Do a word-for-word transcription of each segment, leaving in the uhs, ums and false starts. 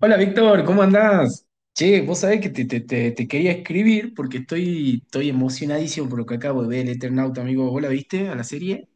Hola Víctor, ¿cómo andás? Che, vos sabés que te, te- te- te quería escribir porque estoy, estoy emocionadísimo por lo que acabo de ver, el Eternauta, amigo. ¿Vos la viste a la serie?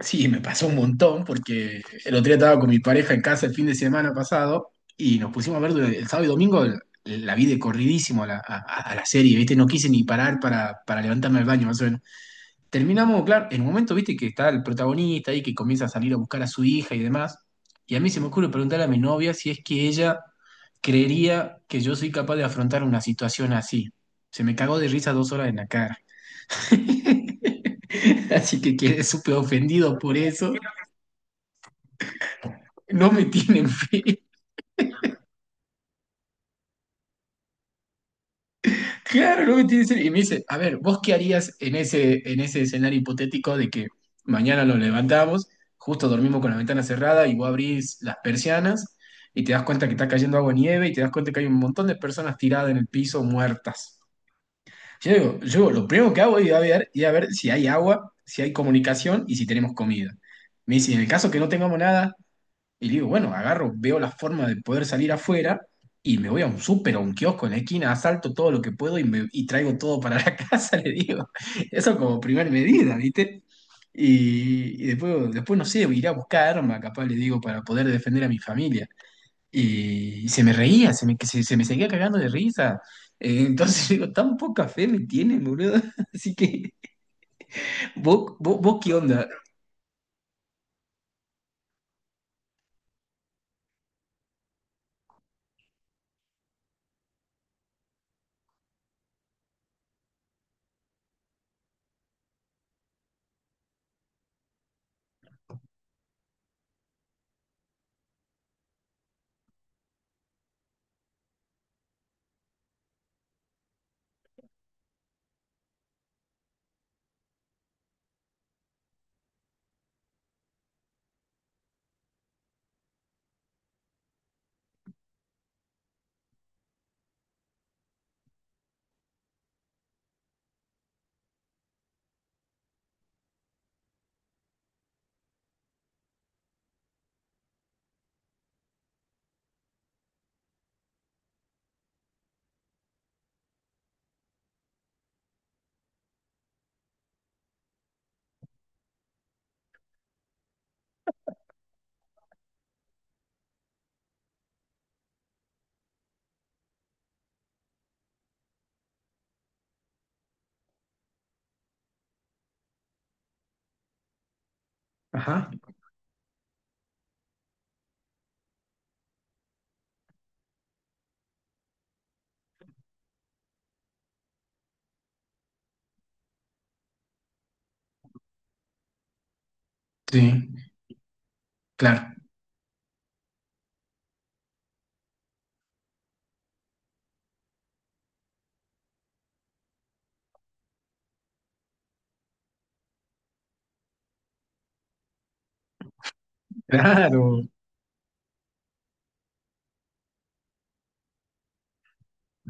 Sí, me pasó un montón porque el otro día estaba con mi pareja en casa el fin de semana pasado y nos pusimos a ver durante- el sábado y domingo, la, la vi de corridísimo a la, a- a a la serie, ¿viste? No quise ni parar para, para levantarme al baño, más o menos. Terminamos, claro, en un momento, viste, que está el protagonista ahí que comienza a salir a buscar a su hija y demás. Y a mí se me ocurre preguntar a mi novia si es que ella creería que yo soy capaz de afrontar una situación así. Se me cagó de risa dos horas en la cara. Así que quedé súper ofendido por eso. No me tienen fe. Claro, lo que tiene que ser. Y me dice, a ver, ¿vos qué harías en ese, en ese escenario hipotético de que mañana nos levantamos, justo dormimos con la ventana cerrada y vos abrís las persianas y te das cuenta que está cayendo agua y nieve y te das cuenta que hay un montón de personas tiradas en el piso muertas? Yo digo, yo lo primero que hago es ir a ver, ir a ver si hay agua, si hay comunicación y si tenemos comida. Me dice, en el caso que no tengamos nada, y digo, bueno, agarro, veo la forma de poder salir afuera y me voy a un súper o un kiosco en la esquina, asalto todo lo que puedo y, me- y traigo todo para la casa, le digo. Eso como primer medida, ¿viste? Y, y después, después, no sé, iré a buscar arma, capaz, le digo, para poder defender a mi familia. Y, se me reía, se me, se, se me seguía cagando de risa. Eh, entonces digo, tan poca fe me tienen, boludo. Así que, ¿vos, vos, vos qué onda? Ajá, sí, claro. Claro,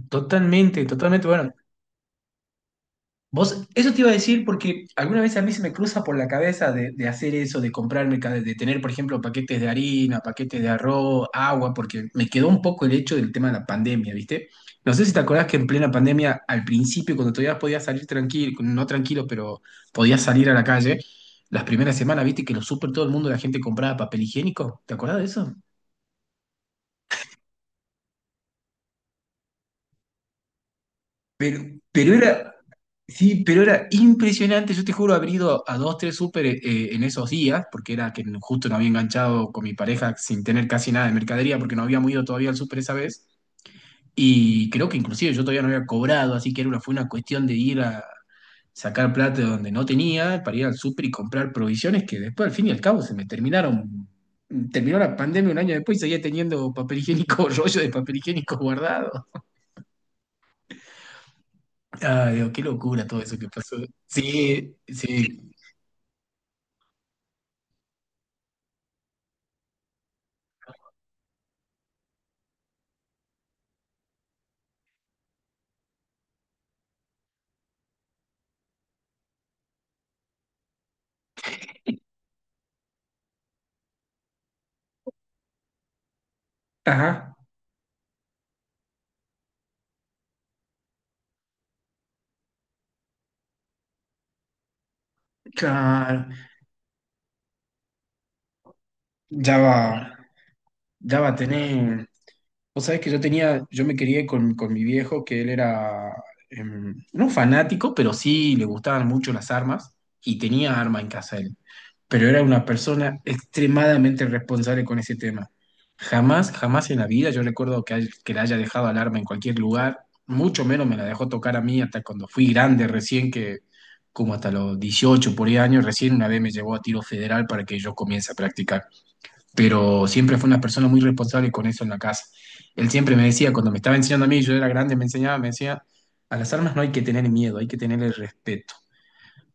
totalmente, totalmente. Bueno, vos, eso te iba a decir porque alguna vez a mí se me cruza por la cabeza de, de hacer eso, de comprarme, ca- de tener, por ejemplo, paquetes de harina, paquetes de arroz, agua, porque me quedó un poco el hecho del tema de la pandemia, ¿viste? No sé si te acordás que en plena pandemia, al principio, cuando todavía podías salir tranquilo, no tranquilo, pero podías salir a la calle, las primeras semanas, ¿viste? Que los super todo el mundo, la gente compraba papel higiénico. ¿Te acordás de eso? Pero, pero era, sí, pero era impresionante. Yo te juro haber ido a dos, tres súper eh, en esos días, porque era que justo no había enganchado con mi pareja sin tener casi nada de mercadería, porque no habíamos ido todavía al súper esa vez. Y creo que inclusive yo todavía no había cobrado, así que era una, fue una cuestión de ir a sacar plata de donde no tenía para ir al súper y comprar provisiones que después, al fin y al cabo, se me terminaron. Terminó la pandemia un año después y seguía teniendo papel higiénico, rollo de papel higiénico guardado. Ah, Dios, qué locura todo eso que pasó. Sí, sí. Ajá, claro. Ya va, ya va a tener. Vos sabés que yo tenía, yo me quería con, con mi viejo, que él era em, no fanático, pero sí le gustaban mucho las armas, y tenía arma en casa él. Pero era una persona extremadamente responsable con ese tema. Jamás, jamás en la vida yo recuerdo que, hay- que le haya dejado alarma en cualquier lugar, mucho menos me la dejó tocar a mí hasta cuando fui grande recién, que como hasta los dieciocho por ahí años, recién una vez me llevó a tiro federal para que yo comience a practicar. Pero siempre fue una persona muy responsable con eso en la casa. Él siempre me decía, cuando me estaba enseñando a mí, yo era grande, me enseñaba, me decía, a las armas no hay que tener miedo, hay que tener el respeto.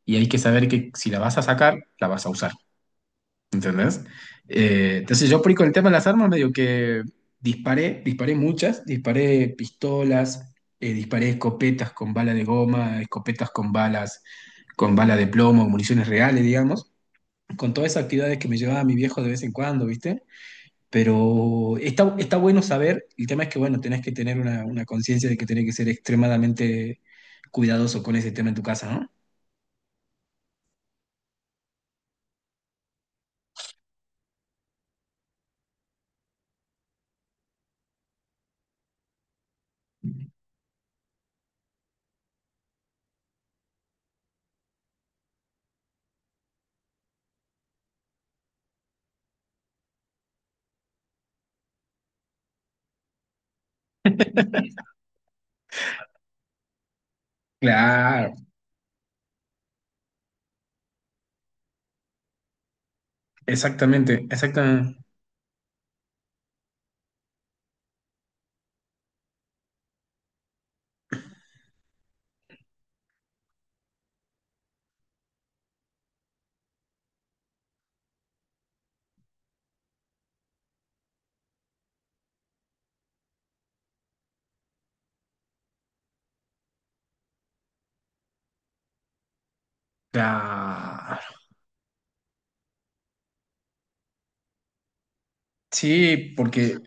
Y hay que saber que si la vas a sacar, la vas a usar. ¿Entendés? Eh, entonces yo por ahí con el tema de las armas medio que disparé, disparé muchas, disparé pistolas, eh, disparé escopetas con bala de goma, escopetas con balas, con bala de plomo, municiones reales, digamos, con todas esas actividades que me llevaba mi viejo de vez en cuando, ¿viste? Pero está, está bueno saber, el tema es que, bueno, tenés que tener una, una conciencia de que tenés que ser extremadamente cuidadoso con ese tema en tu casa, ¿no? Claro, exactamente, exactamente. Sí, porque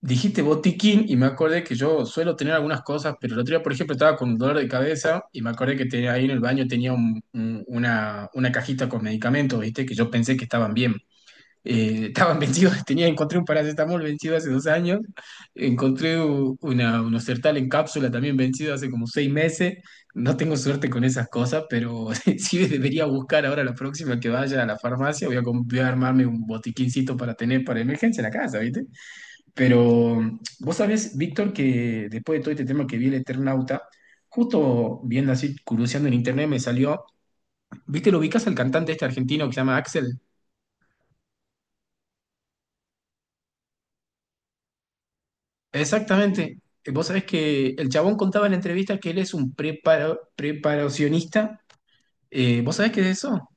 dijiste botiquín y me acordé que yo suelo tener algunas cosas, pero el otro día, por ejemplo, estaba con un dolor de cabeza y me acordé que tenía, ahí en el baño tenía un- un- una, una cajita con medicamentos, ¿viste? Que yo pensé que estaban bien. Eh, estaban vencidos, tenía, encontré un paracetamol vencido hace dos años, encontré u- una, unos Sertal en cápsula también vencido hace como seis meses. No tengo suerte con esas cosas, pero sí debería buscar ahora la próxima que vaya a la farmacia. Voy a, com- voy a armarme un botiquincito para tener para emergencia en la casa, ¿viste? Pero vos sabés, Víctor, que después de todo este tema que vi el Eternauta, justo viendo así, curioseando en internet, me salió. ¿Viste? ¿Lo ubicas al cantante este argentino que se llama Axel? Exactamente. Vos sabés que el chabón contaba en la entrevista que él es un preparo- preparacionista. Eh, ¿vos sabés qué es eso?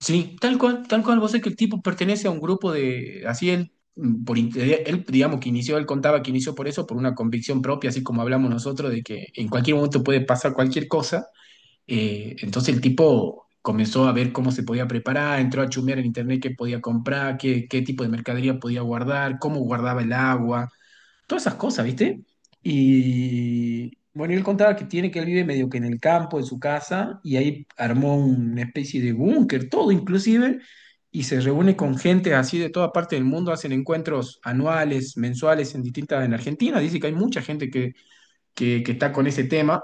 Sí, tal cual, tal cual. Vos sabés que el tipo pertenece a un grupo de... Así él, mm, por, in- eh, él, digamos que inició, él contaba que inició por eso, por una convicción propia, así como hablamos nosotros, de que en cualquier momento puede pasar cualquier cosa. Eh, entonces el tipo comenzó a ver cómo se podía preparar, entró a chumear en internet qué podía comprar, qué, qué tipo de mercadería podía guardar, cómo guardaba el agua todas esas cosas, ¿viste? Y bueno, y él contaba que tiene que él vive medio que en el campo, en su casa, y ahí armó una especie de búnker, todo inclusive, y se reúne con gente así de toda parte del mundo, hacen encuentros anuales, mensuales en distintas, en Argentina, dice que hay mucha gente que, que, que está con ese tema,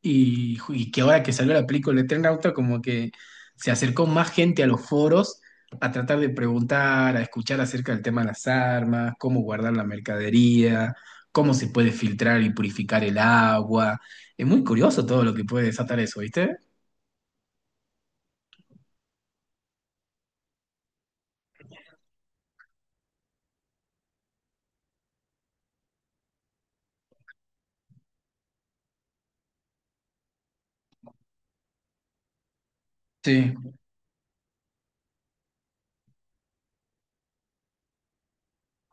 y, ju- y que ahora que salió la película de Tren Auto, como que se acercó más gente a los foros a tratar de preguntar, a escuchar acerca del tema de las armas, cómo guardar la mercadería, cómo se puede filtrar y purificar el agua. Es muy curioso todo lo que puede desatar eso, ¿viste? Sí,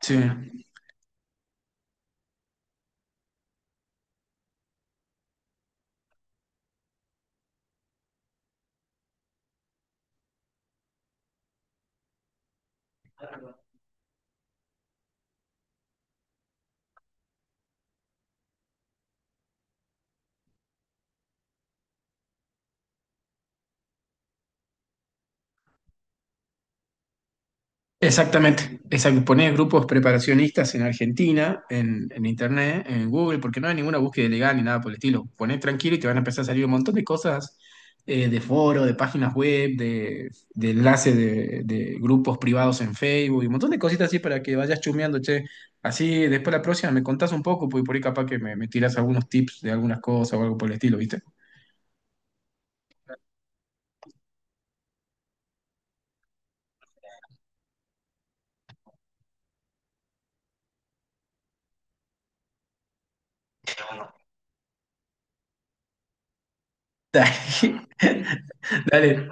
sí. Exactamente, exacto. Ponés grupos preparacionistas en Argentina, en, en Internet, en Google, porque no hay ninguna búsqueda ilegal ni nada por el estilo. Ponés tranquilo y te van a empezar a salir un montón de cosas eh, de foro, de páginas web, de, de enlaces de, de grupos privados en Facebook y un montón de cositas así para que vayas chumeando, che. Así después la próxima me contás un poco, porque por ahí capaz que me, me tirás algunos tips de algunas cosas o algo por el estilo, ¿viste? Dale, dale,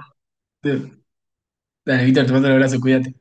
dale, Víctor, te mando un abrazo, cuídate.